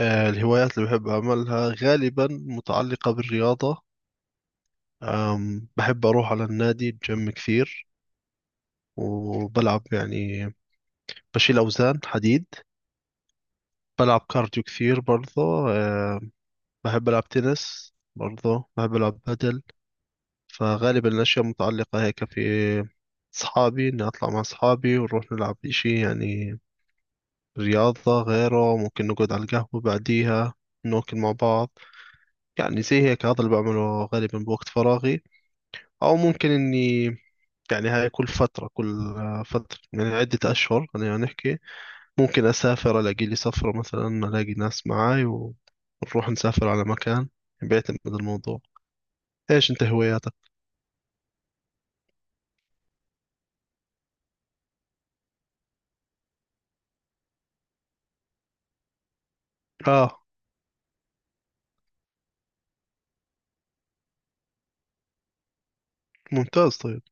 الهوايات اللي بحب أعملها غالبا متعلقة بالرياضة. بحب أروح على النادي الجيم كثير وبلعب يعني بشيل أوزان حديد. بلعب كارديو كثير برضه. آه، بحب ألعب تنس برضه بحب ألعب بدل. فغالبا الأشياء متعلقة هيك في أصحابي، إني أطلع مع أصحابي ونروح نلعب إشي يعني رياضة غيره. ممكن نقعد على القهوة بعديها ناكل مع بعض، يعني زي هيك هذا اللي بعمله غالبا بوقت فراغي. او ممكن اني يعني هاي كل فترة كل فترة يعني عدة اشهر خلينا نحكي، ممكن اسافر الاقي لي سفرة مثلا الاقي ناس معاي ونروح نسافر على مكان، بيعتمد الموضوع. ايش انت هواياتك؟ اه، ممتاز طيب.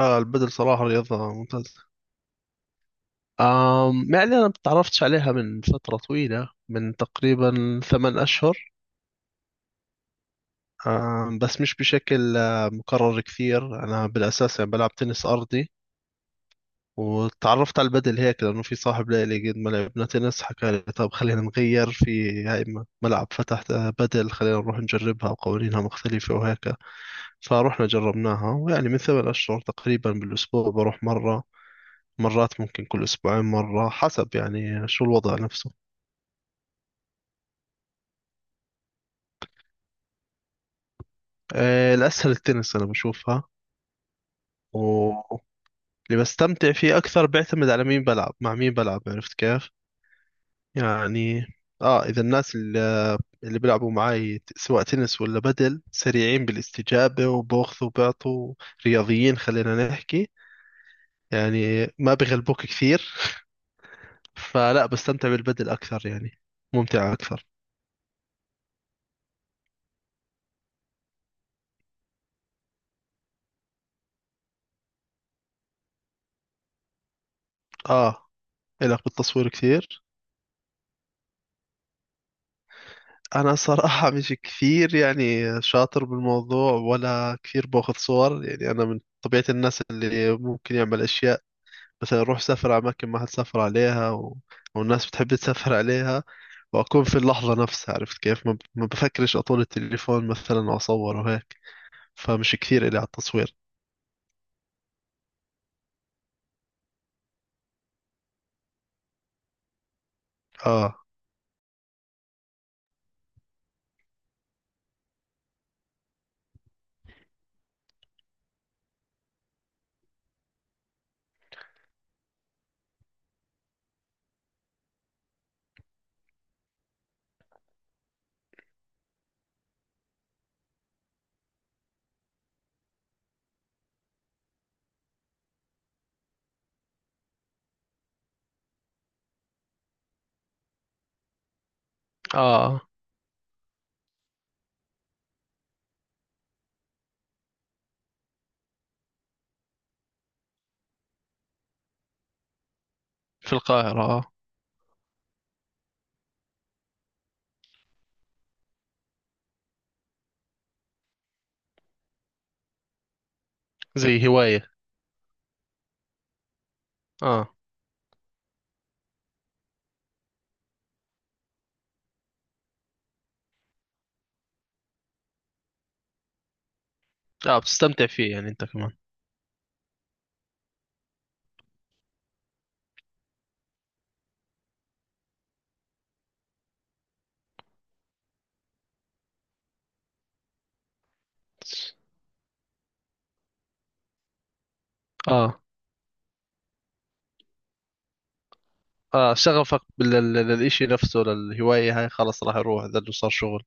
اه، البدل صراحة رياضة ممتازة. يعني أنا تعرفتش عليها من فترة طويلة، من تقريبا 8 أشهر. بس مش بشكل مكرر كثير. أنا بالأساس يعني بلعب تنس أرضي، واتعرفت على البدل هيك لأنه في صاحب لي اللي قد ما لعبنا تنس حكى لي طب خلينا نغير في هاي ملعب فتح بدل، خلينا نروح نجربها وقوانينها مختلفة وهيك. فروحنا جربناها، ويعني من 8 أشهر تقريبا بالأسبوع بروح مرة، مرات ممكن كل أسبوعين مرة حسب يعني شو الوضع نفسه. الأسهل التنس أنا بشوفها. واللي بستمتع فيه أكثر بيعتمد على مين بلعب، مع مين بلعب، عرفت كيف يعني. إذا الناس اللي بيلعبوا معاي سواء تنس ولا بدل سريعين بالاستجابة وباخذوا وبعطوا، رياضيين خلينا نحكي، يعني ما بغلبوك كثير فلا بستمتع بالبدل أكثر يعني، ممتع أكثر. آه. إلك بالتصوير كثير. أنا صراحة مش كثير يعني شاطر بالموضوع ولا كثير باخذ صور. يعني أنا من طبيعة الناس اللي ممكن يعمل أشياء، مثلا روح سافر على أماكن ما حد سافر عليها، و... والناس بتحب تسافر عليها، واكون في اللحظة نفسها عرفت كيف، ما ما بفكرش اطول التليفون مثلا واصور وهيك. فمش كثير إلي على التصوير. اه. اه، في القاهرة. اه، زي هواية. اه. اه، بتستمتع فيه يعني انت كمان. اه اه، شغفك للإشي نفسه، للهواية هاي خلاص راح يروح اذا إنه صار شغل.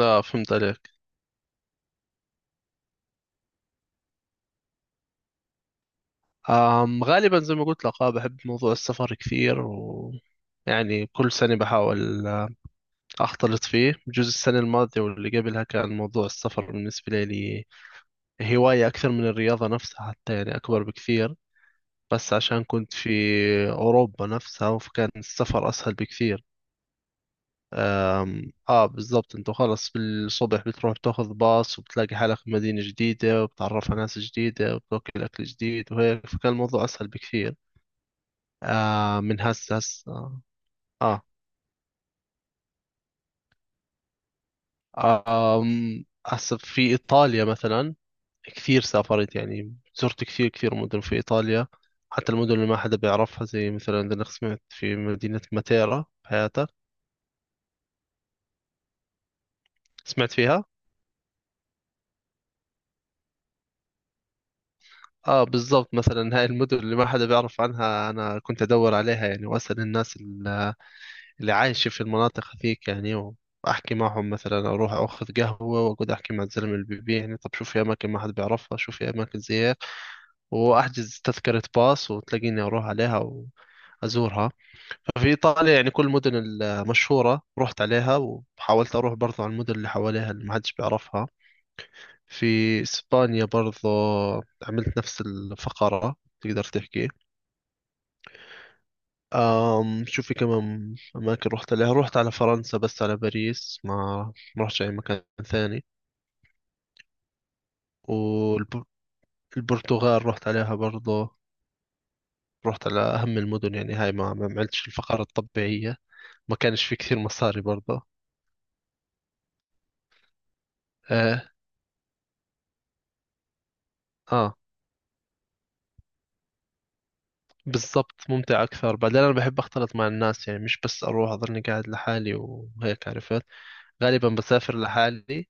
اه، فهمت عليك. غالبا زي ما قلت لك، اه بحب موضوع السفر كثير، و يعني كل سنة بحاول أختلط فيه. بجوز السنة الماضية واللي قبلها كان موضوع السفر بالنسبة لي هواية أكثر من الرياضة نفسها حتى، يعني أكبر بكثير. بس عشان كنت في أوروبا نفسها، فكان السفر أسهل بكثير. أم آه بالضبط، أنت خلص بالصبح بتروح تاخذ باص وبتلاقي حالك في مدينة جديدة وبتعرف على ناس جديدة وبتاكل أكل جديد وهيك، فكان الموضوع أسهل بكثير. آه من هسه هسه آه آه آه، آم، هسه في إيطاليا مثلا، كثير سافرت. يعني زرت كثير كثير مدن في إيطاليا، حتى المدن اللي ما حدا بيعرفها، زي مثلا أنا سمعت في مدينة ماتيرا. بحياتك سمعت فيها؟ بالضبط. مثلا هاي المدن اللي ما حدا بيعرف عنها أنا كنت أدور عليها، يعني وأسأل الناس اللي عايشة في المناطق هذيك يعني، وأحكي معهم. مثلا أروح أخذ قهوة وأقعد أحكي مع الزلمة اللي بيبيع، يعني طب شو في أماكن ما حدا بيعرفها، شو في أماكن زي هيك. وأحجز تذكرة باص وتلاقيني أروح عليها وأزورها. في إيطاليا يعني كل المدن المشهورة رحت عليها، وحاولت أروح برضو على المدن اللي حواليها اللي ما حدش بيعرفها. في إسبانيا برضو عملت نفس الفقرة تقدر تحكي. شو في كمان أماكن رحت عليها. رحت على فرنسا بس على باريس، ما رحتش أي مكان ثاني. والبرتغال رحت عليها برضو، رحت على أهم المدن يعني، هاي ما عملتش الفقرة الطبيعية. ما كانش في كثير مصاري برضو. آه. آه بالضبط، ممتع أكثر. بعدين أنا بحب أختلط مع الناس يعني، مش بس أروح أظني قاعد لحالي وهيك عرفت. غالبا بسافر لحالي،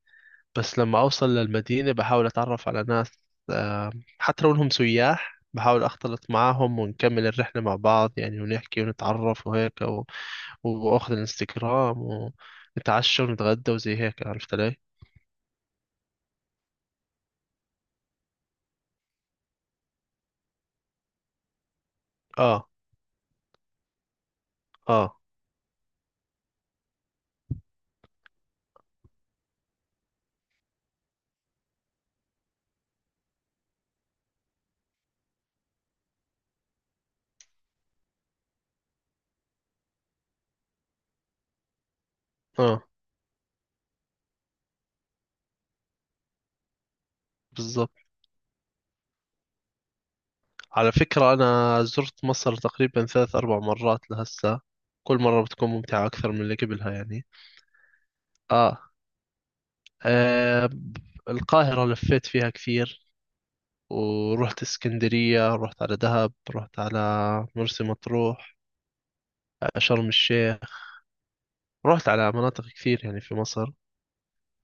بس لما أوصل للمدينة بحاول أتعرف على ناس. آه، حتى لو إنهم سياح بحاول أختلط معاهم ونكمل الرحلة مع بعض يعني، ونحكي ونتعرف وهيك، و... وأخذ الانستغرام، ونتعشى ونتغدى وزي هيك، عرفت علي؟ آه آه آه بالضبط. على فكرة أنا زرت مصر تقريبا 3 أو 4 مرات لهسه. كل مرة بتكون ممتعة أكثر من اللي قبلها يعني. آه, آه ب- القاهرة لفيت فيها كثير، ورحت اسكندرية، رحت على دهب، رحت على مرسى مطروح، شرم الشيخ. رحت على مناطق كثير يعني في مصر.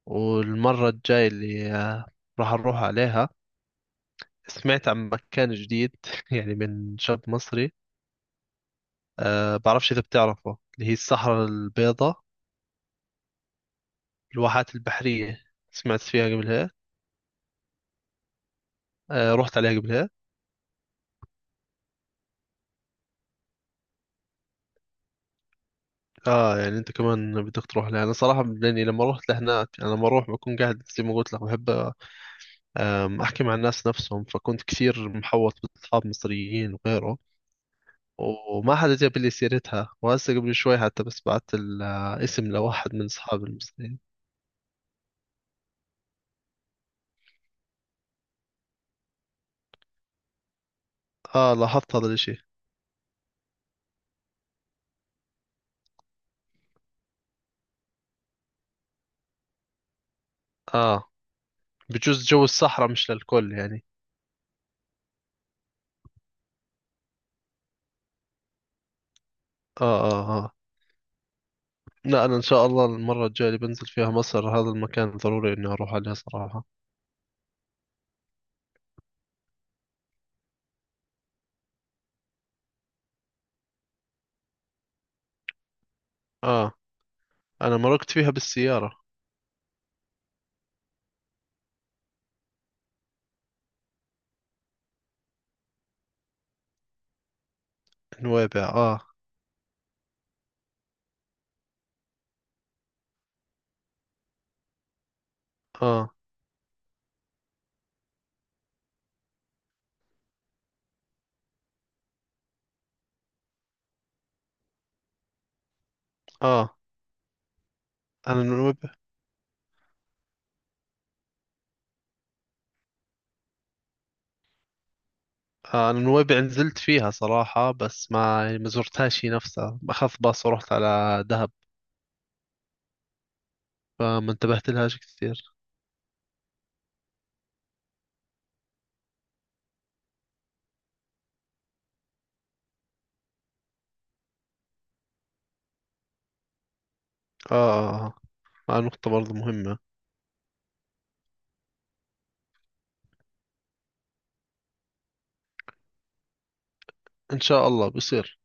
والمرة الجاية اللي راح أروح عليها، سمعت عن مكان جديد يعني من شاب مصري. بعرفش إذا بتعرفه، اللي هي الصحراء البيضاء، الواحات البحرية. سمعت فيها قبلها. آه، رحت عليها قبلها. اه، يعني انت كمان بدك تروح لها. انا صراحة لاني لما رحت لهناك، انا لما اروح بكون قاعد زي ما قلت لك بحب احكي مع الناس نفسهم، فكنت كثير محوط باصحاب مصريين وغيره. وما حدا جاب لي سيرتها، وهسه قبل شوي حتى بس بعت الاسم لواحد من اصحابي المصريين. اه، لاحظت هذا الاشي. اه، بجوز جو الصحراء مش للكل يعني. اه. اه. آه. لا أنا إن شاء الله المرة الجاية اللي بنزل فيها مصر هذا المكان ضروري إني أروح عليه صراحة. آه. أنا مرقت فيها بالسيارة. نويبع. آه آه أنا نويبع أنا نويبع نزلت فيها صراحة، بس ما يعني ما زرتهاش هي نفسها. أخذت باص ورحت على دهب فما انتبهت لهاش كثير. آه آه آه نقطة برضه مهمة. إن شاء الله بيصير.